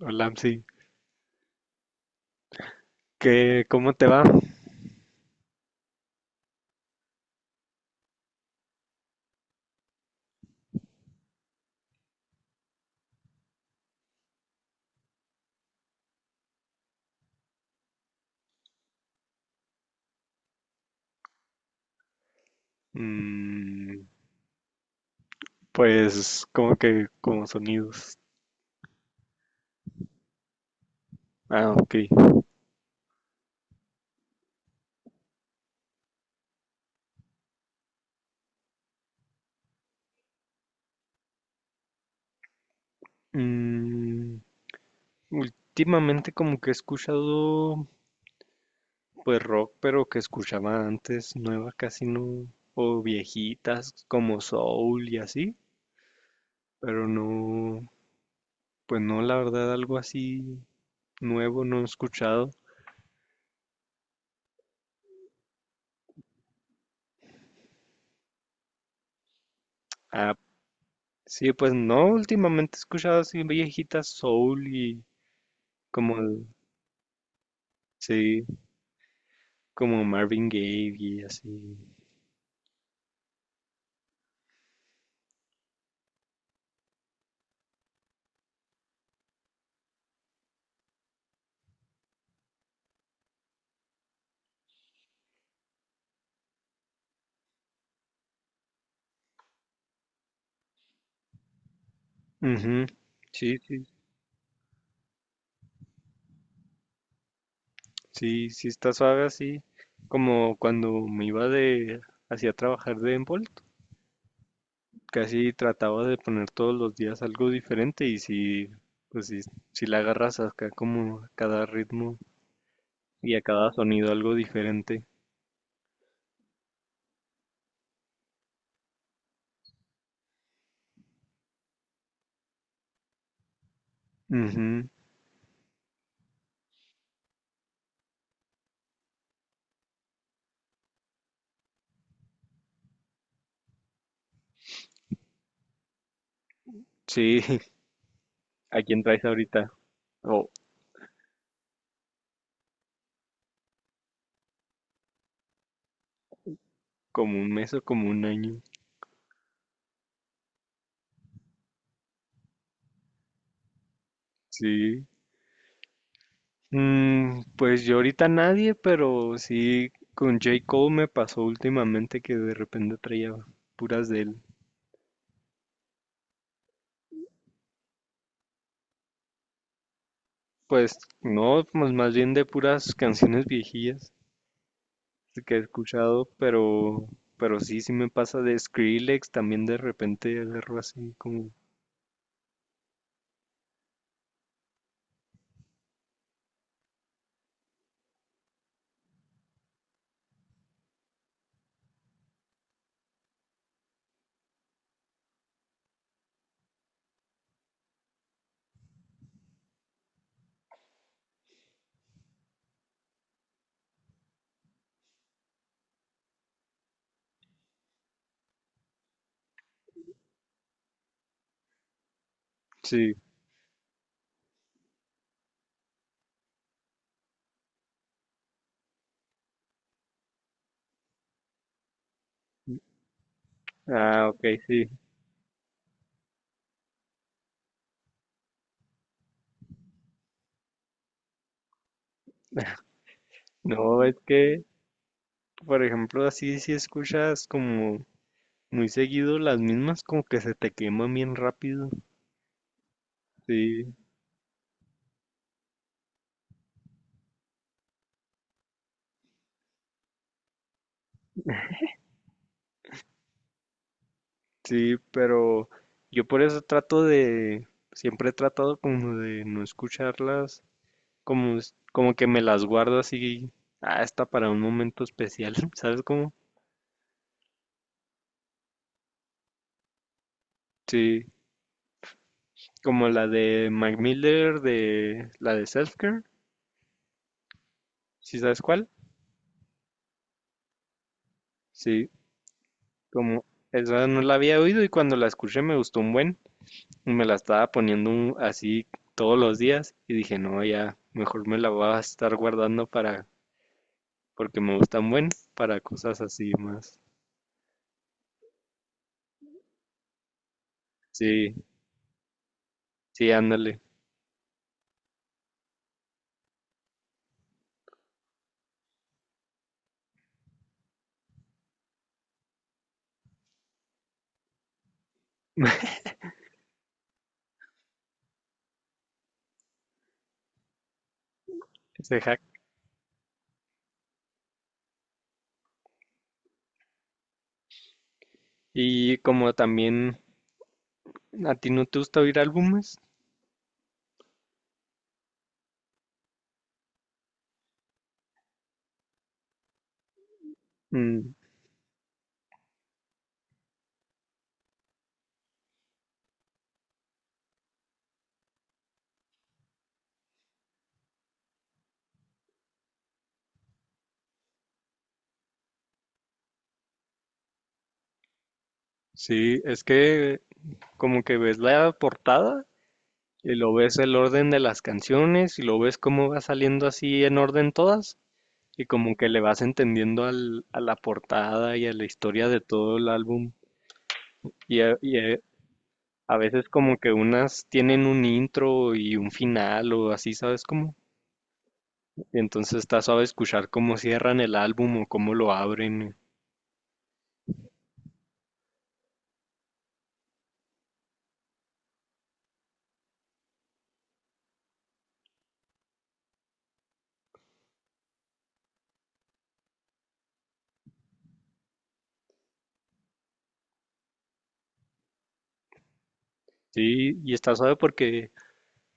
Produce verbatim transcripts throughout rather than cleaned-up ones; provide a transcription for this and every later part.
Hola, Amsi. ¿Qué, cómo te va? Mm, pues, como que, como sonidos. Ah, ok. Mm, Últimamente como que he escuchado, pues, rock, pero que escuchaba antes, nueva casi no, o viejitas como soul y así, pero no, pues no, la verdad, algo así nuevo no he escuchado. Ah, sí, pues no, últimamente he escuchado así viejitas soul y como, sí. Como Marvin Gaye y así. Ujú. Sí, sí, sí, sí está suave así. Como cuando me iba de hacía trabajar de Envolt, casi trataba de poner todos los días algo diferente y sí, pues sí, sí la agarras acá como a cada ritmo y a cada sonido algo diferente. Ujú. Sí, ¿a quién traes ahorita? O como un mes o como un año. Sí. Mm, pues yo ahorita nadie, pero sí con J. Cole me pasó últimamente que de repente traía puras de él. Pues no, pues más bien de puras canciones viejillas que he escuchado, pero, pero sí, sí me pasa de Skrillex, también de repente agarro así como, sí, ah, ok, sí. No, es que, por ejemplo, así si escuchas como muy seguido las mismas, como que se te queman bien rápido. Sí, sí, pero yo por eso trato de, siempre he tratado como de no escucharlas, como, es- como que me las guardo así, ah, esta para un momento especial, ¿sabes cómo? Sí, como la de Mac Miller, de la de Self Care, ¿sí sabes cuál? Sí, como esa no la había oído y cuando la escuché me gustó un buen, y me la estaba poniendo un- así todos los días y dije, no, ya, mejor me la voy a estar guardando para porque me gustan buen para cosas así más. Sí, sí, ándale. Ese hack. Y como también a ti no te gusta oír álbumes, mm, sí, es que como que ves la portada y lo ves el orden de las canciones y lo ves cómo va saliendo así en orden todas y como que le vas entendiendo al- a la portada y a la historia de todo el álbum y, a, y a- a veces como que unas tienen un intro y un final o así, ¿sabes cómo? Y entonces está suave escuchar cómo cierran el álbum o cómo lo abren. Sí, y está suave porque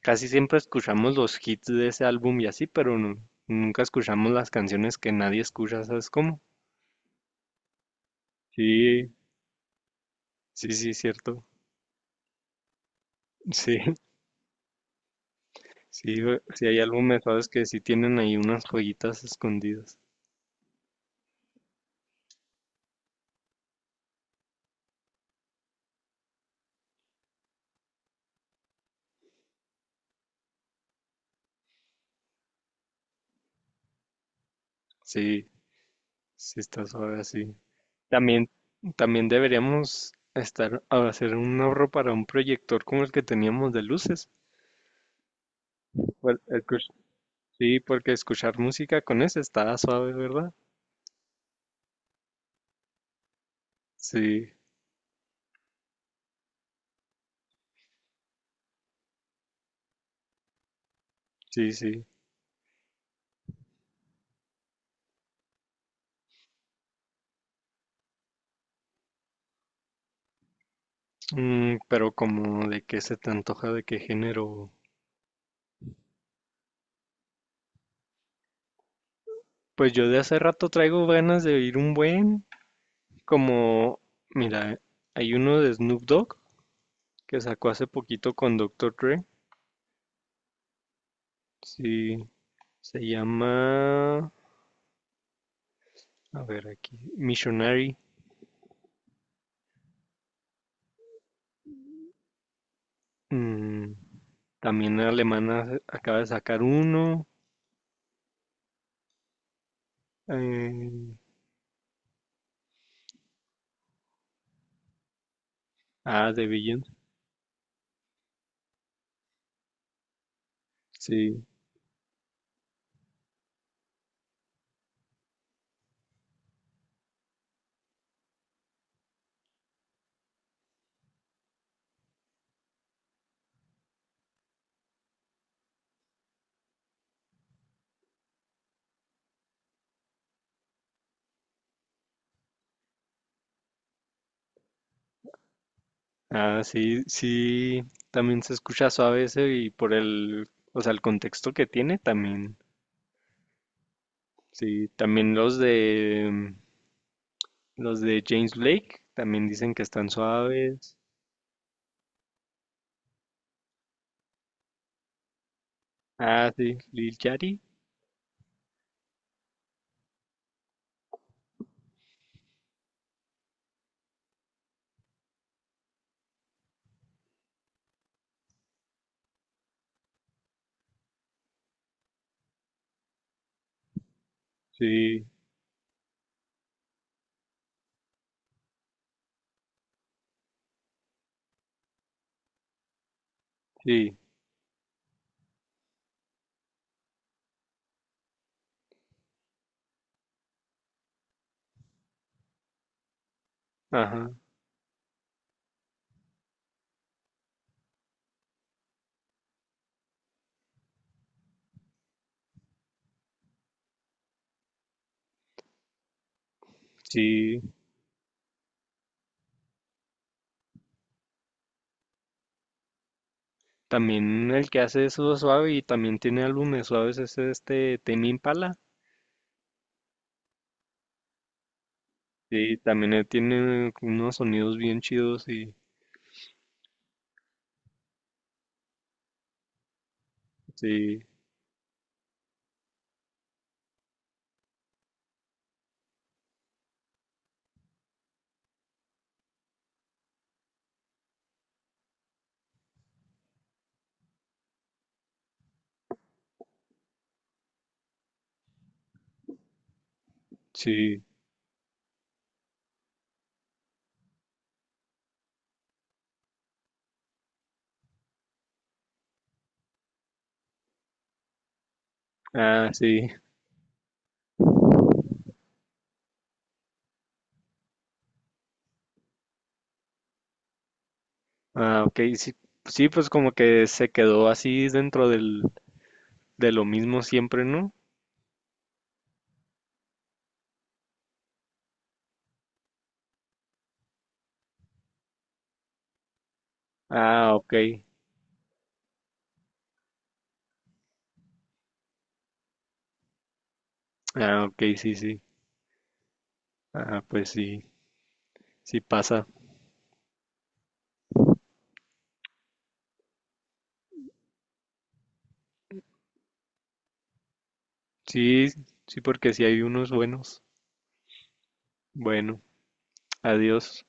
casi siempre escuchamos los hits de ese álbum y así, pero nu- nunca escuchamos las canciones que nadie escucha, ¿sabes cómo? Sí, sí, sí, cierto. Sí, sí, güey, sí hay álbumes suaves que sí tienen ahí unas joyitas escondidas. Sí, sí está suave así. También, también deberíamos estar a hacer un ahorro para un proyector como el que teníamos de luces. Bueno, sí, porque escuchar música con ese está suave, ¿verdad? Sí, sí, sí. Mm, pero como de qué se te antoja, de qué género. Pues yo de hace rato traigo ganas de oír un buen, como, mira, hay uno de Snoop Dogg que sacó hace poquito con Doctor Dre. Sí, se llama, a ver aquí, Missionary. Mm, también la alemana acaba de sacar uno. eh, ah, de Beyoncé. Sí. Ah, sí, sí, también se escucha suave ese y por el, o sea, el contexto que tiene también. Sí, también los de mm, los de James Blake también dicen que están suaves. Ah, sí, Lil Yachty. Sí, sí, ajá, sí. También el que hace eso suave y también tiene álbumes suaves es este Tame Impala. Sí, también él tiene unos sonidos bien chidos y sí, sí. Ah, sí. Ah, ok, sí, sí, pues como que se quedó así dentro del, de lo mismo siempre, ¿no? Ah, ok, ah, ok, sí, sí, ah, pues sí, sí pasa, sí, sí, porque sí hay unos buenos. Bueno, adiós.